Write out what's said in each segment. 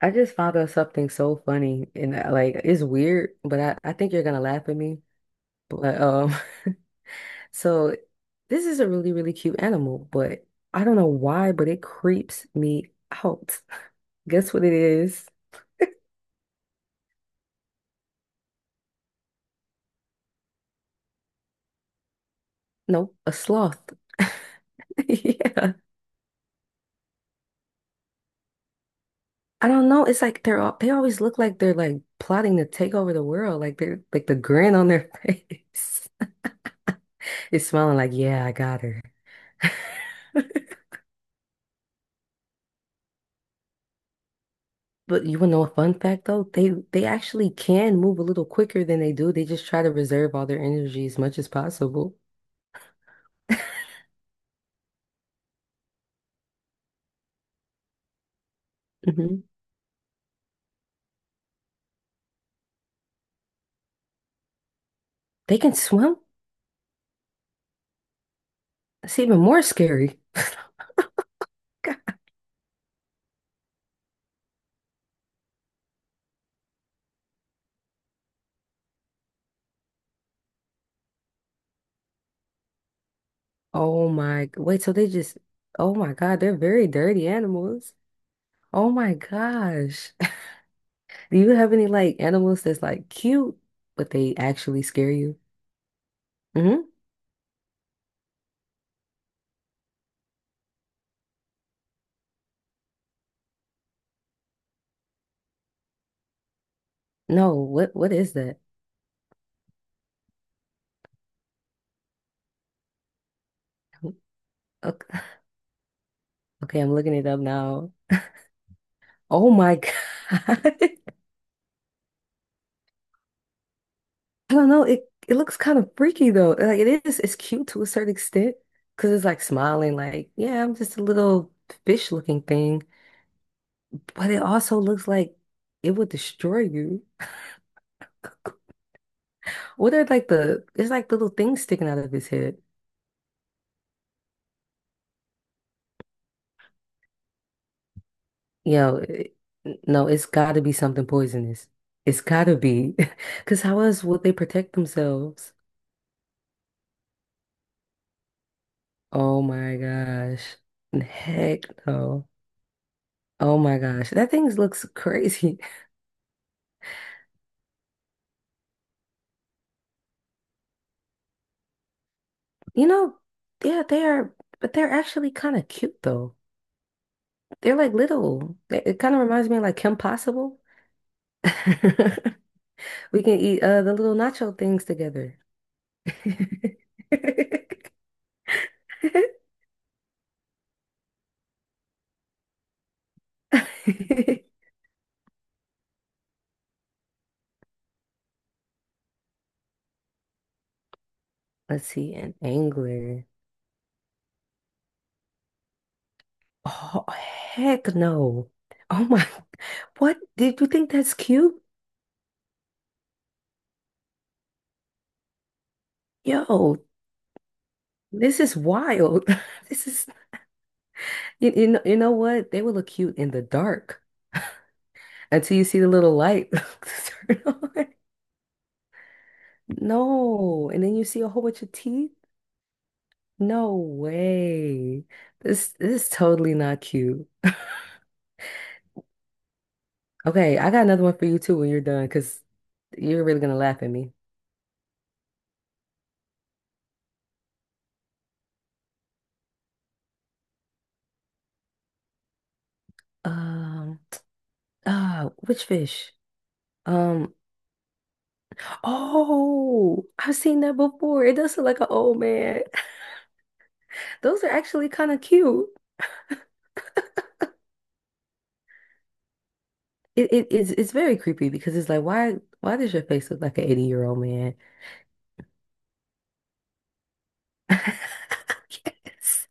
I just found out something so funny and like it's weird, but I think you're gonna laugh at me. But so this is a really, really cute animal, but I don't know why, but it creeps me out. Guess what it is? Nope, a sloth. Yeah. I don't know. It's like they always look like they're like plotting to take over the world. Like they're like the grin on their face is smiling like, yeah, I got her. But you want to know a fun fact though? They actually can move a little quicker than they do. They just try to reserve all their energy as much as possible. Hmm. They can swim. That's even more scary. Oh my, wait, so they just, oh my God, they're very dirty animals. Oh my gosh. Do you have any like animals that's like cute, but they actually scare you? Hmm. No, what is that? Okay, okay, I'm looking it up now. Oh my God. I don't know. It looks kind of freaky though. Like it is, it's cute to a certain extent because it's like smiling, like yeah, I'm just a little fish looking thing. But it also looks like it would destroy you. What are like the? It's like little things sticking out of his head. You know, it- no, it's got to be something poisonous. It's got to be, because how else would they protect themselves? Oh my gosh, heck no. Oh my gosh, that thing looks crazy. You know, yeah, they are, but they're actually kind of cute though. They're like little. It kind of reminds me of like Kim Possible. We can eat the little nacho things together. Let's see, an angler. Oh, heck no. Oh my, what? Did you think that's cute? Yo, this is wild. This is, you know, you know what? They would look cute in the dark. Until you see the little light turn on. No. And then you see a whole bunch of teeth. No way. This is totally not cute. Okay, I got another one for you too when you're done, because you're really gonna laugh at me. Um, which fish? Um, oh, I've seen that before. It does look like an old man. Those are actually kind of cute. It is it's very creepy because it's like why does your face look like an 80-year-old man? Yes.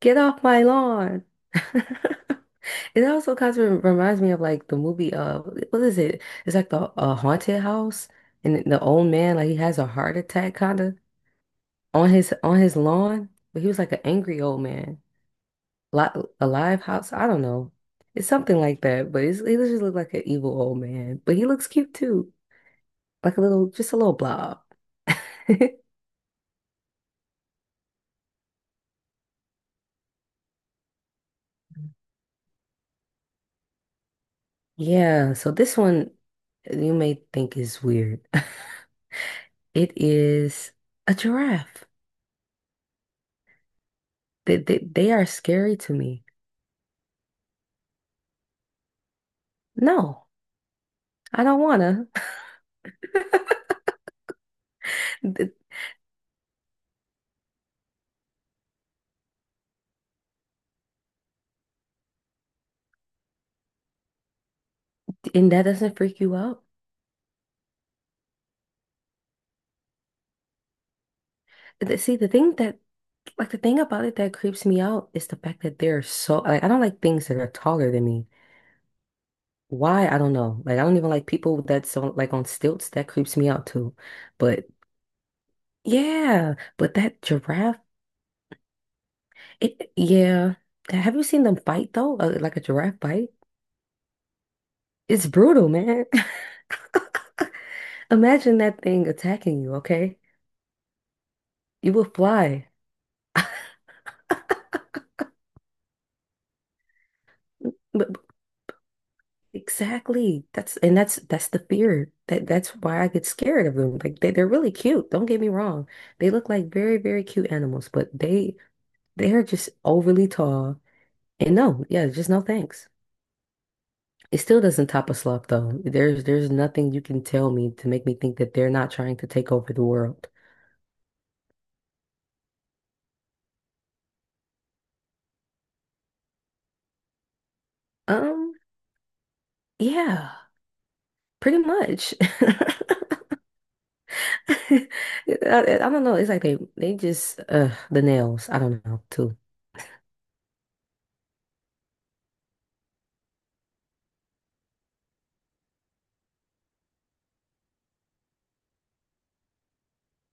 Get off my lawn. It also kind of reminds me of like the movie, what is it? It's like the haunted house, and the old man like he has a heart attack kind of on his lawn, but he was like an angry old man. Li A live house, I don't know. It's something like that, but he just look like an evil old man, but he looks cute too, like a little, just a little blob. Yeah, so this one you may think is weird. It is a giraffe. They are scary to me. No, I don't wanna. And that doesn't freak you out. See, the thing about it that creeps me out is the fact that they're so, like, I don't like things that are taller than me. Why? I don't know. Like, I don't even like people that's on, like, on stilts. That creeps me out too. But yeah, but that giraffe, yeah. Have you seen them fight though? Like a giraffe bite? It's brutal, man. Imagine that thing attacking you, okay? You will fly. But. Exactly. That's the fear. That's why I get scared of them. Like they, they're really cute. Don't get me wrong. They look like very, very cute animals, but they're just overly tall. And no, yeah, just no thanks. It still doesn't top a sloth though. There's nothing you can tell me to make me think that they're not trying to take over the world. Um, yeah, pretty much. I, I don't know. It's like they just the nails. I don't know too.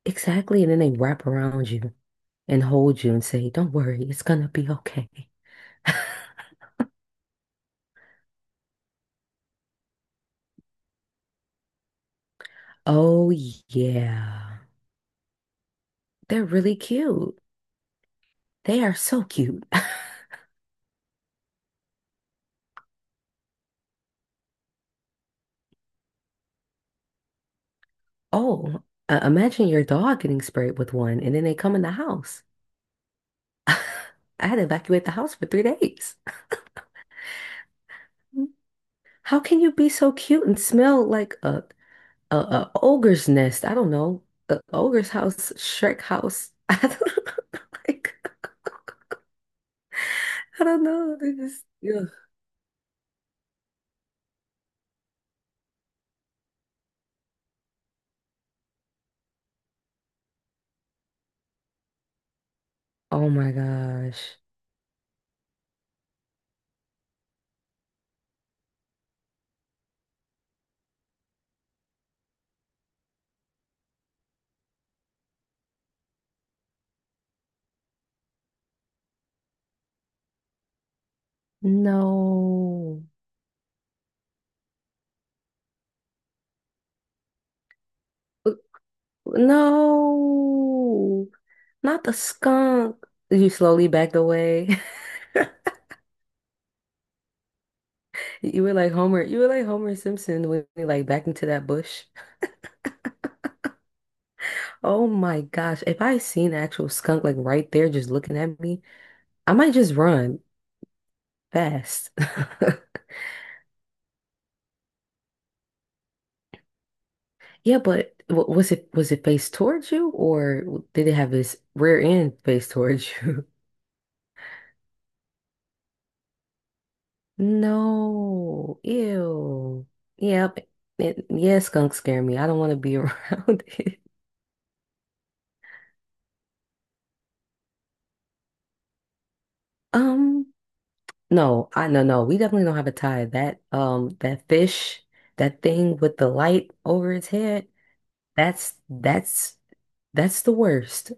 Exactly, and then they wrap around you and hold you and say, "Don't worry, it's gonna be okay." Oh, yeah. They're really cute. They are so cute. Oh, imagine your dog getting sprayed with one and then they come in the house. I had to evacuate the house for 3 days. How can you be so cute and smell like a ogre's nest? I don't know. A ogre's house, Shrek house. I don't know. Like, I don't know. They just, ugh. Oh my gosh. No. No, not the skunk. You slowly backed away. You were like Homer. You were like Homer Simpson when you like backed into that bush. Oh my gosh. If I seen an actual skunk like right there just looking at me, I might just run fast. Yeah, but was it faced towards you or did it have its rear end faced towards you? No. Ew. Yep. It, yeah, skunks scare me. I don't want to be around it. Um, no, I no no. We definitely don't have a tie. That fish, that thing with the light over its head, that's that's the worst.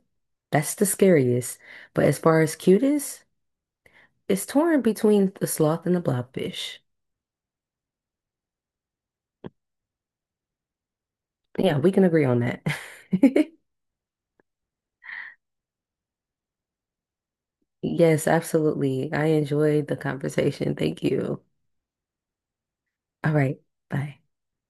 That's the scariest. But as far as cutest, it's torn between the sloth and the blobfish. Yeah, we can agree on that. Yes, absolutely. I enjoyed the conversation. Thank you. All right, bye.